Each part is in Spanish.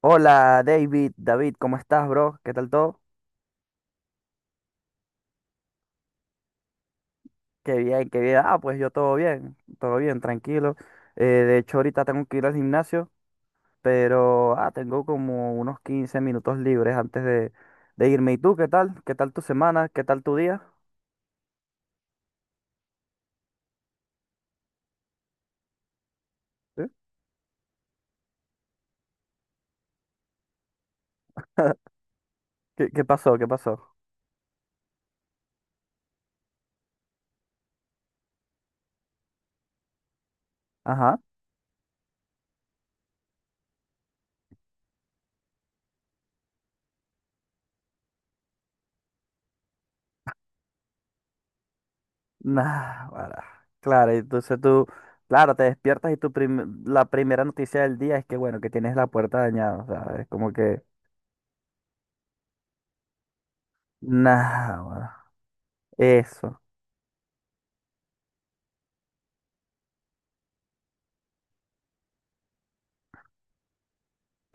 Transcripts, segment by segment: Hola David, ¿cómo estás, bro? ¿Qué tal todo? Qué bien, qué bien. Pues yo todo bien, tranquilo. De hecho, ahorita tengo que ir al gimnasio, pero tengo como unos 15 minutos libres de irme. ¿Y tú qué tal? ¿Qué tal tu semana? ¿Qué tal tu día? ¿Eh? ¿Qué pasó? ¿Qué pasó? Ajá. Nah, guara. Claro, claro, te despiertas y la primera noticia del día es que, bueno, que tienes la puerta dañada. O sea, es como que, nah, guara. Eso.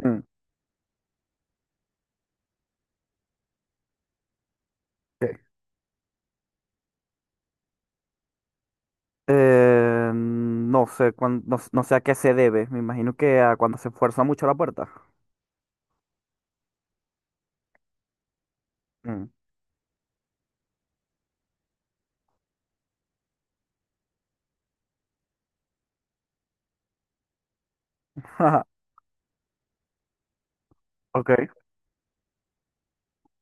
Mm. No sé, no, no sé a qué se debe. Me imagino que a cuando se fuerza mucho la puerta. Mm. Ok.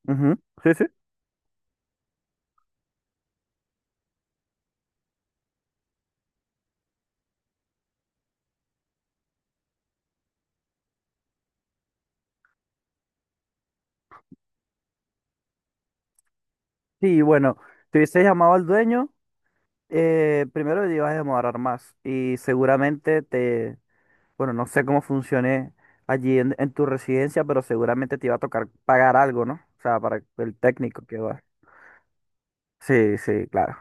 Ujú, sí, sí. Sí, bueno, te hubiese llamado al dueño. Primero te ibas a demorar más y bueno, no sé cómo funcione en tu residencia, pero seguramente te iba a tocar pagar algo, ¿no? O sea, para el técnico que va. Sí, sí, claro.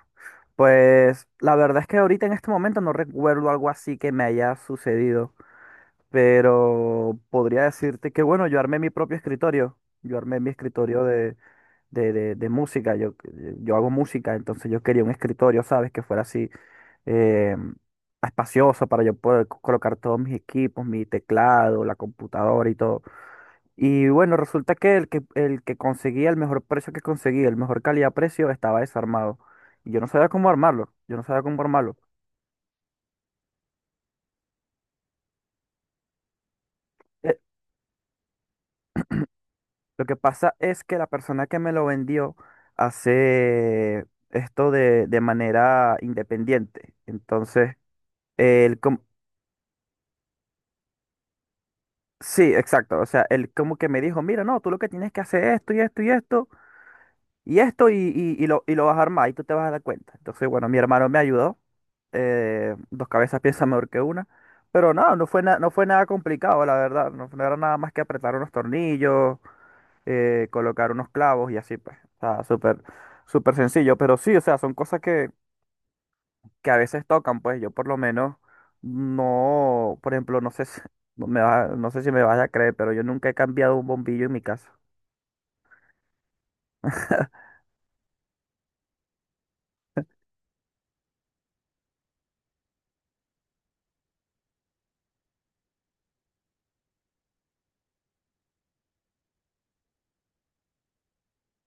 Pues la verdad es que ahorita en este momento no recuerdo algo así que me haya sucedido. Pero podría decirte que, bueno, yo armé mi propio escritorio. Yo armé mi escritorio de música. Yo hago música, entonces yo quería un escritorio, ¿sabes? Que fuera así eh, espacioso para yo poder colocar todos mis equipos, mi teclado, la computadora y todo. Y bueno, resulta que el que conseguía, el mejor calidad-precio, estaba desarmado. Y yo no sabía cómo armarlo. Yo no sabía cómo armarlo. Lo que pasa es que la persona que me lo vendió hace esto de manera independiente. Entonces, él como, sí, exacto. O sea, él como que me dijo, mira, no, tú lo que tienes que hacer es esto y esto y esto y esto y lo vas a armar y tú te vas a dar cuenta. Entonces, bueno, mi hermano me ayudó. Dos cabezas piensan mejor que una. Pero no, no fue nada complicado, la verdad. No, no era nada más que apretar unos tornillos, colocar unos clavos y así, pues. O sea, súper, súper sencillo. Pero sí, o sea, son cosas que a veces tocan, pues. Yo por lo menos no, por ejemplo, no sé si, no sé si me vas a creer, pero yo nunca he cambiado un bombillo en mi casa.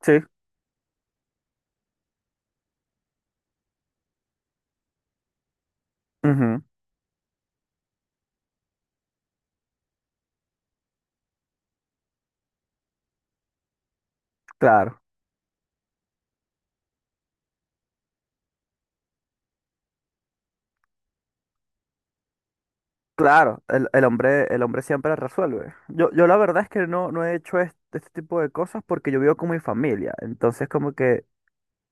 Sí, ujú, claro. Claro, el hombre siempre resuelve. Yo la verdad es que no, no he hecho este, este tipo de cosas porque yo vivo con mi familia. Entonces como que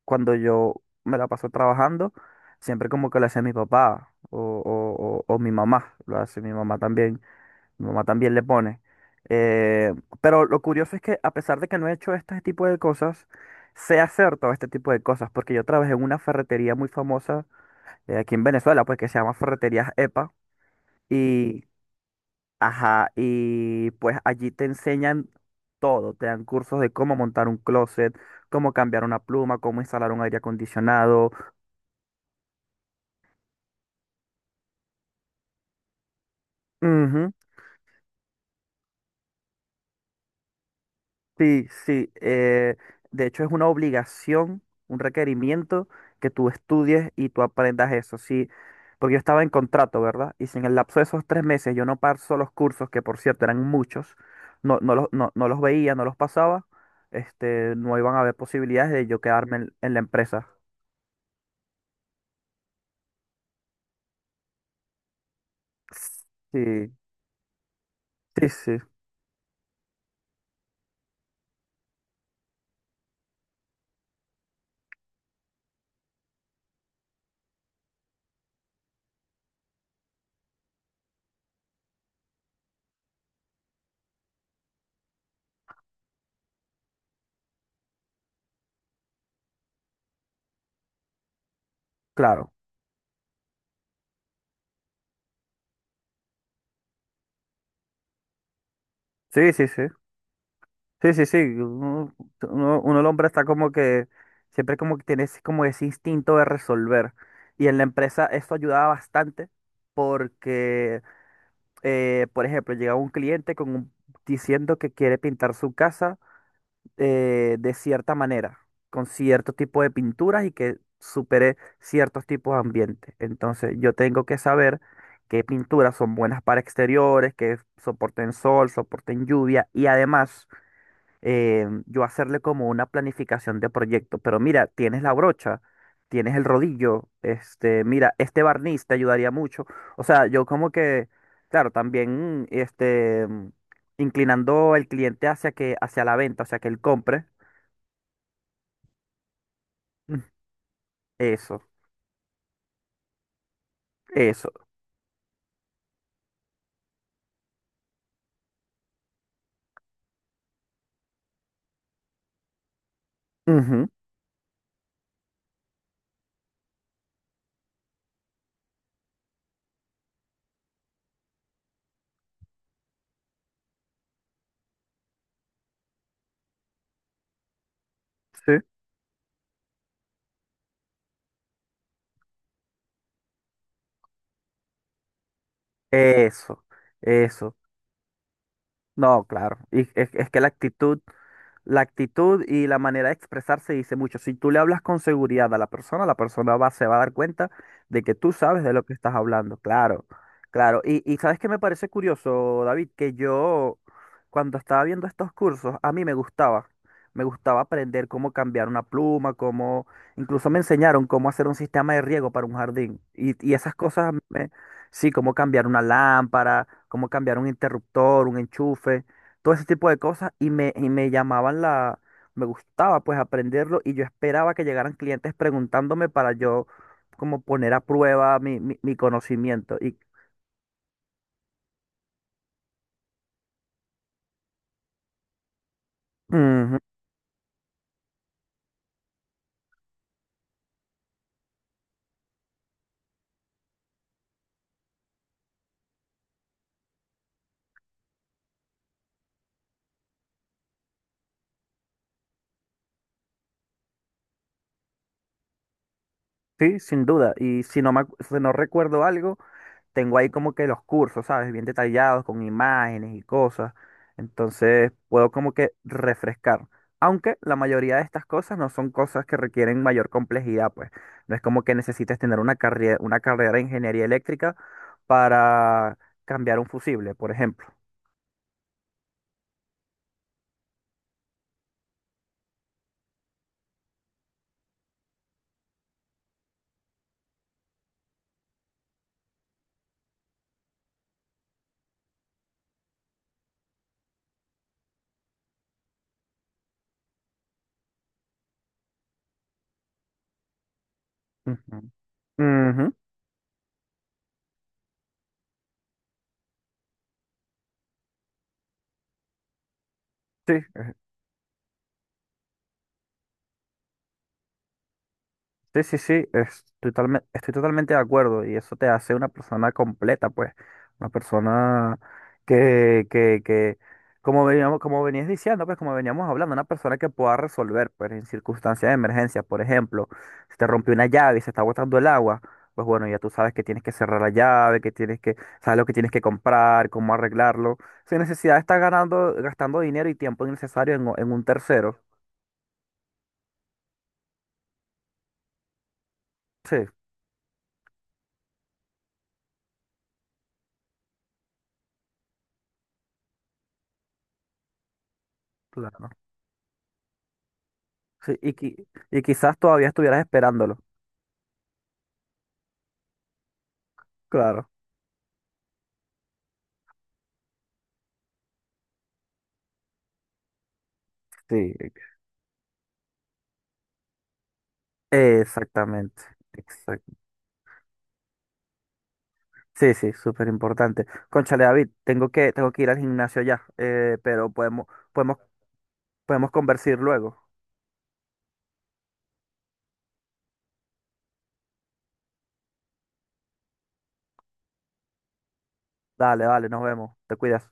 cuando yo me la paso trabajando, siempre como que lo hace mi papá o mi mamá, lo hace mi mamá también le pone. Eh, pero lo curioso es que a pesar de que no he hecho este tipo de cosas, sé hacer todo este tipo de cosas, porque yo trabajé en una ferretería muy famosa, aquí en Venezuela, pues, que se llama Ferreterías EPA, y, ajá, y pues allí te enseñan todo, te dan cursos de cómo montar un closet, cómo cambiar una pluma, cómo instalar un aire acondicionado. Ujú, sí, sí. De hecho, es una obligación, un requerimiento que tú estudies y tú aprendas eso. Sí, porque yo estaba en contrato, ¿verdad? Y si en el lapso de esos 3 meses yo no paso los cursos, que por cierto eran muchos, no, no los veía, no los pasaba, este, no iban a haber posibilidades de yo quedarme en la empresa. Sí, sí, sí, claro. Sí, sí, sí. Sí, sí, sí. Uno, el hombre está como que siempre como que tiene como ese instinto de resolver. Y en la empresa eso ayudaba bastante porque, por ejemplo, llegaba un cliente diciendo que quiere pintar su casa, de cierta manera, con cierto tipo de pinturas y que supere ciertos tipos de ambientes. Entonces yo tengo que saber qué pinturas son buenas para exteriores, que soporten sol, soporten lluvia y además, yo hacerle como una planificación de proyecto. Pero mira, tienes la brocha, tienes el rodillo, este, mira, este barniz te ayudaría mucho. O sea, yo como que, claro, también, inclinando el cliente hacia hacia la venta, o sea, que él compre. Mm. Eso, eso. Ujú, sí. Eso, eso. No, claro. Y es que la actitud y la manera de expresarse dice mucho. Si tú le hablas con seguridad a la persona va, se va a dar cuenta de que tú sabes de lo que estás hablando. Claro, claro. Y sabes que me parece curioso, David, que yo cuando estaba viendo estos cursos, a mí me gustaba. Me gustaba aprender cómo cambiar una pluma, cómo, incluso me enseñaron cómo hacer un sistema de riego para un jardín. Y esas cosas, sí, cómo cambiar una lámpara, cómo cambiar un interruptor, un enchufe, todo ese tipo de cosas y me llamaban me gustaba pues aprenderlo y yo esperaba que llegaran clientes preguntándome para yo como poner a prueba mi conocimiento. Y ujú, sí, sin duda. Y si si no recuerdo algo, tengo ahí como que los cursos, ¿sabes? Bien detallados, con imágenes y cosas. Entonces puedo como que refrescar. Aunque la mayoría de estas cosas no son cosas que requieren mayor complejidad, pues. No es como que necesites tener una carrera de ingeniería eléctrica para cambiar un fusible, por ejemplo. Ujú. Ujú, Sí, es sí, sí, sí, estoy totalmente de acuerdo y eso te hace una persona completa, pues, una persona que, como veníamos, como venías diciendo, pues, como veníamos hablando, una persona que pueda resolver, pues, en circunstancias de emergencia, por ejemplo, si te rompió una llave y se está botando el agua, pues, bueno, ya tú sabes que tienes que cerrar la llave, sabes lo que tienes que comprar, cómo arreglarlo, sin necesidad de estar gastando dinero y tiempo innecesario en un tercero. Sí, claro. Sí, y quizás todavía estuvieras esperándolo. Claro. Sí, exactamente. Exacto. Sí, sí, súper importante. Cónchale, David, tengo tengo que ir al gimnasio ya, pero podemos, podemos conversar luego. Dale, dale, nos vemos. Te cuidas.